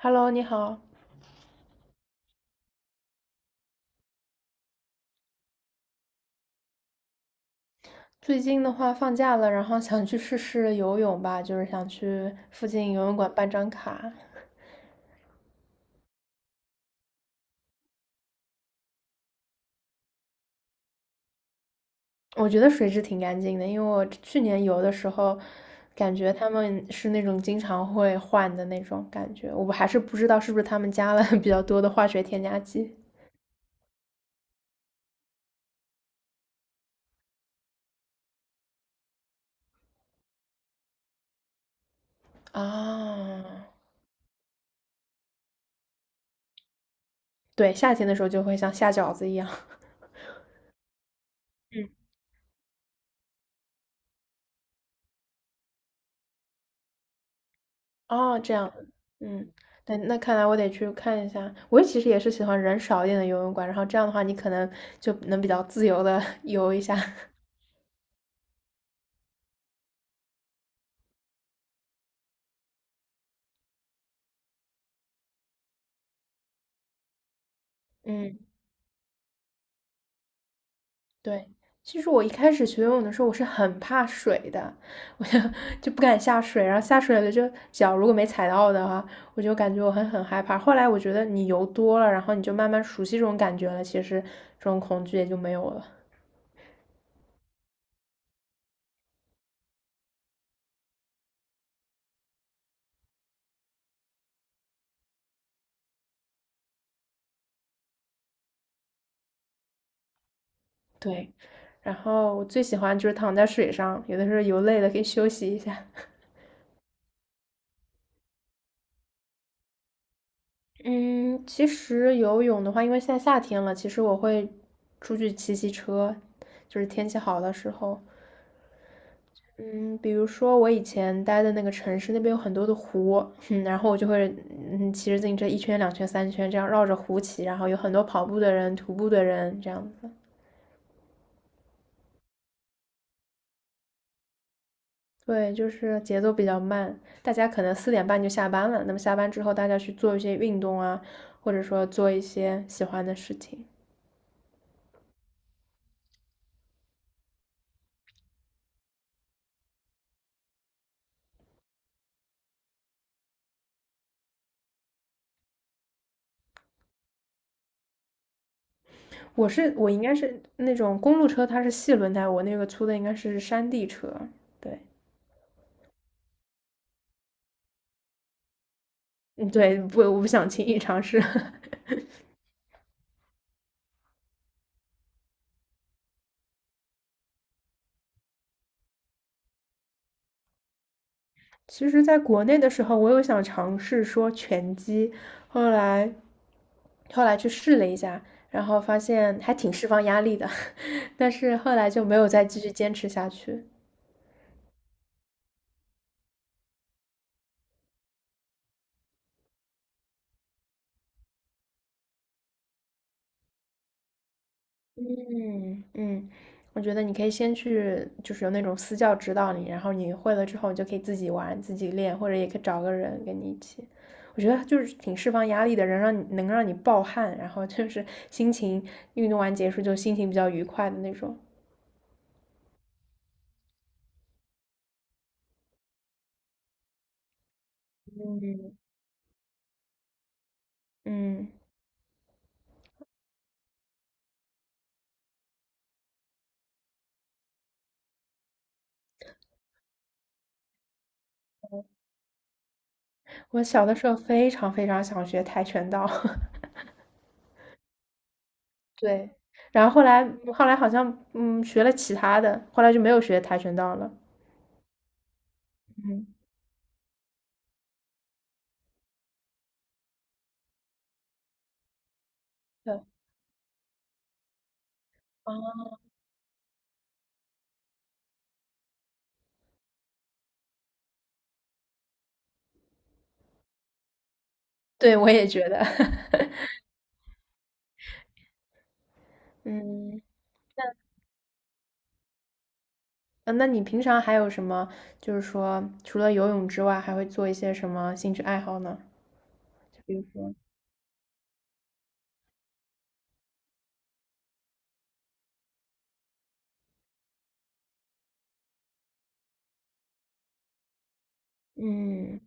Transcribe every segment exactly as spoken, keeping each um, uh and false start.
Hello，你好。最近的话放假了，然后想去试试游泳吧，就是想去附近游泳馆办张卡。我觉得水质挺干净的，因为我去年游的时候，感觉他们是那种经常会换的那种感觉。我还是不知道是不是他们加了 比较多的化学添加剂啊。对，夏天的时候就会像下饺子一样。嗯。哦，这样，嗯，那那看来我得去看一下。我其实也是喜欢人少一点的游泳馆，然后这样的话，你可能就能比较自由的 游一下。嗯，对。其实我一开始学游泳的时候，我是很怕水的，我就 就不敢下水，然后下水了就脚如果没踩到的话，我就感觉我很很害怕。后来我觉得你游多了，然后你就慢慢熟悉这种感觉了，其实这种恐惧也就没有了。对，然后我最喜欢就是躺在水上，有的时候游累了可以休息一下。嗯，其实游泳的话，因为现在夏天了，其实我会出去骑骑车，就是天气好的时候。嗯，比如说我以前待的那个城市，那边有很多的湖，嗯，然后我就会嗯骑着自行车一圈、两圈、三圈这样绕着湖骑，然后有很多跑步的人、徒步的人这样子。对，就是节奏比较慢，大家可能四点半就下班了。那么下班之后，大家去做一些运动啊，或者说做一些喜欢的事情。我是我应该是那种公路车，它是细轮胎，我那个粗的应该是山地车。对，嗯，对，不，我不想轻易尝试。其实，在国内的时候，我有想尝试说拳击，后来后来去试了一下，然后发现还挺释放压力的，但是后来就没有再继续坚持下去。嗯嗯，我觉得你可以先去，就是有那种私教指导你，然后你会了之后，你就可以自己玩、自己练，或者也可以找个人跟你一起。我觉得就是挺释放压力的，人让你能让你暴汗，然后就是心情运动完结束就心情比较愉快的那种。嗯，我小的时候非常非常想学跆拳道，对，然后后来后来好像嗯学了其他的，后来就没有学跆拳道了。嗯，对，啊，对，我也觉得，嗯。嗯，那你平常还有什么，就是说除了游泳之外，还会做一些什么兴趣爱好呢？就比如说，嗯，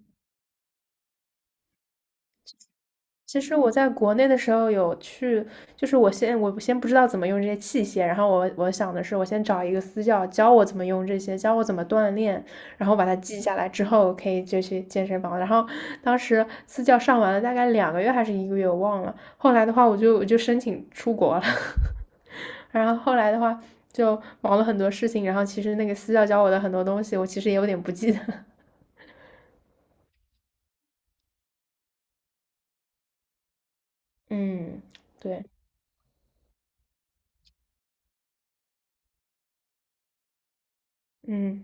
其实我在国内的时候有去，就是我先我先不知道怎么用这些器械，然后我我想的是我先找一个私教教我怎么用这些，教我怎么锻炼，然后把它记下来之后可以就去健身房。然后当时私教上完了大概两个月还是一个月，我忘了。后来的话我就我就申请出国了，然后后来的话就忙了很多事情，然后其实那个私教教我的很多东西我其实也有点不记得。嗯，对，嗯，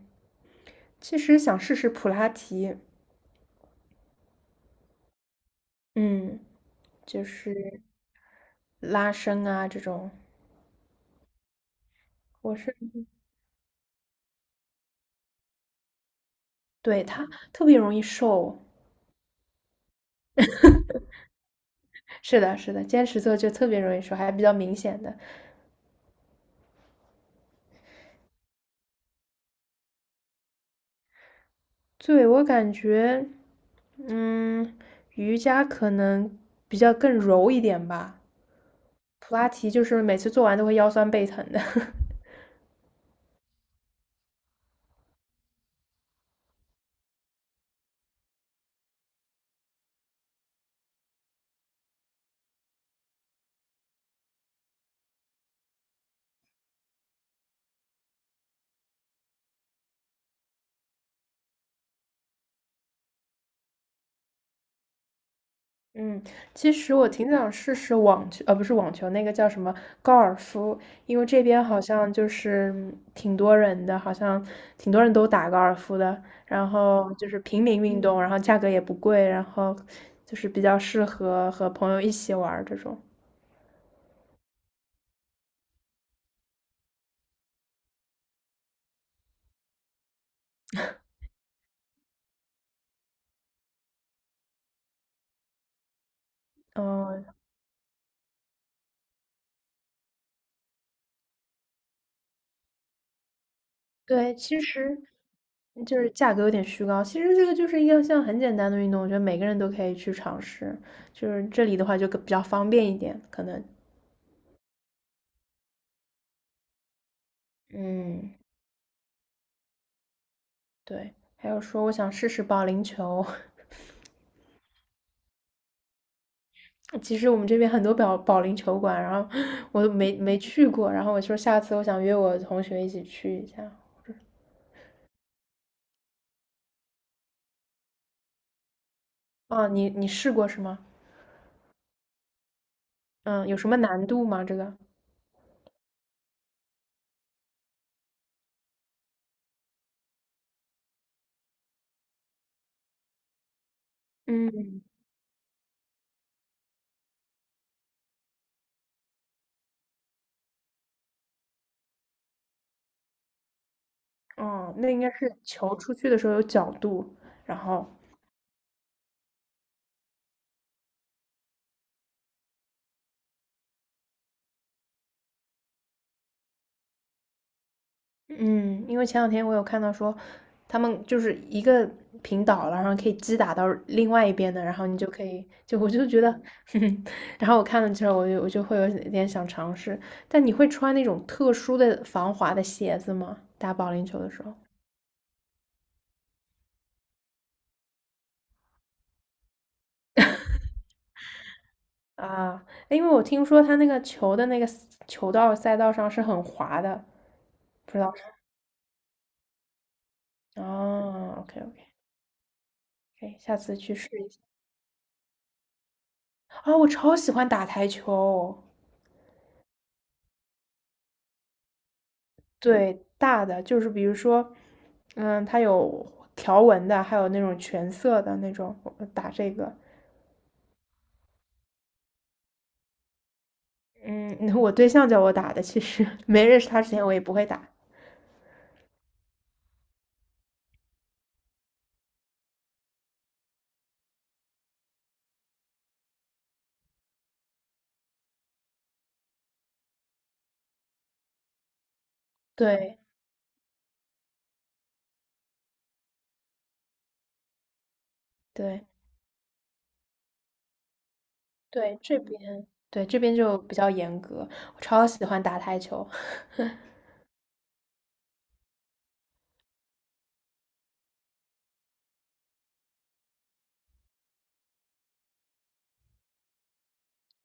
其实想试试普拉提。嗯，就是拉伸啊这种，我是对它特别容易瘦。是的，是的，坚持做就特别容易瘦，还比较明显的。对，我感觉，嗯，瑜伽可能比较更柔一点吧，普拉提就是每次做完都会腰酸背疼的。嗯，其实我挺想试试网球，呃，不是网球，那个叫什么高尔夫，因为这边好像就是挺多人的，好像挺多人都打高尔夫的，然后就是平民运动，然后价格也不贵，然后就是比较适合和朋友一起玩儿这种。嗯，对，其实就是价格有点虚高，其实这个就是一个像很简单的运动，我觉得每个人都可以去尝试，就是这里的话就更比较方便一点，可能，嗯。对，还有说我想试试保龄球，其实我们这边很多保保龄球馆，然后我都没没去过，然后我说下次我想约我同学一起去一下。啊，你你试过是吗？嗯，有什么难度吗？这个？嗯，哦，那应该是球出去的时候有角度，然后嗯，因为前两天我有看到说，他们就是一个平倒了，然后可以击打到另外一边的，然后你就可以，就我就觉得，哼，然后我看了之后，我就我就会有点想尝试。但你会穿那种特殊的防滑的鞋子吗？打保龄球的时候啊，因为我听说他那个球的那个球道赛道上是很滑的，不知道哦，OK OK，可以，下次去试一下。啊，我超喜欢打台球。对，大的就是比如说，嗯，它有条纹的，还有那种全色的那种，我打这个。嗯，我对象叫我打的，其实 没认识他之前我也不会打。对对对，这边对这边就比较严格，我超喜欢打台球。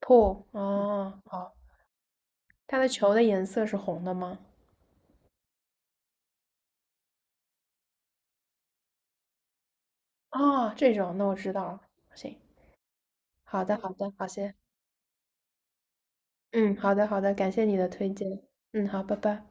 pool 哦，好，它的球的颜色是红的吗？哦，这种，那我知道了。行，好的好的，好些，嗯，好的好的，感谢你的推荐。嗯，好，拜拜。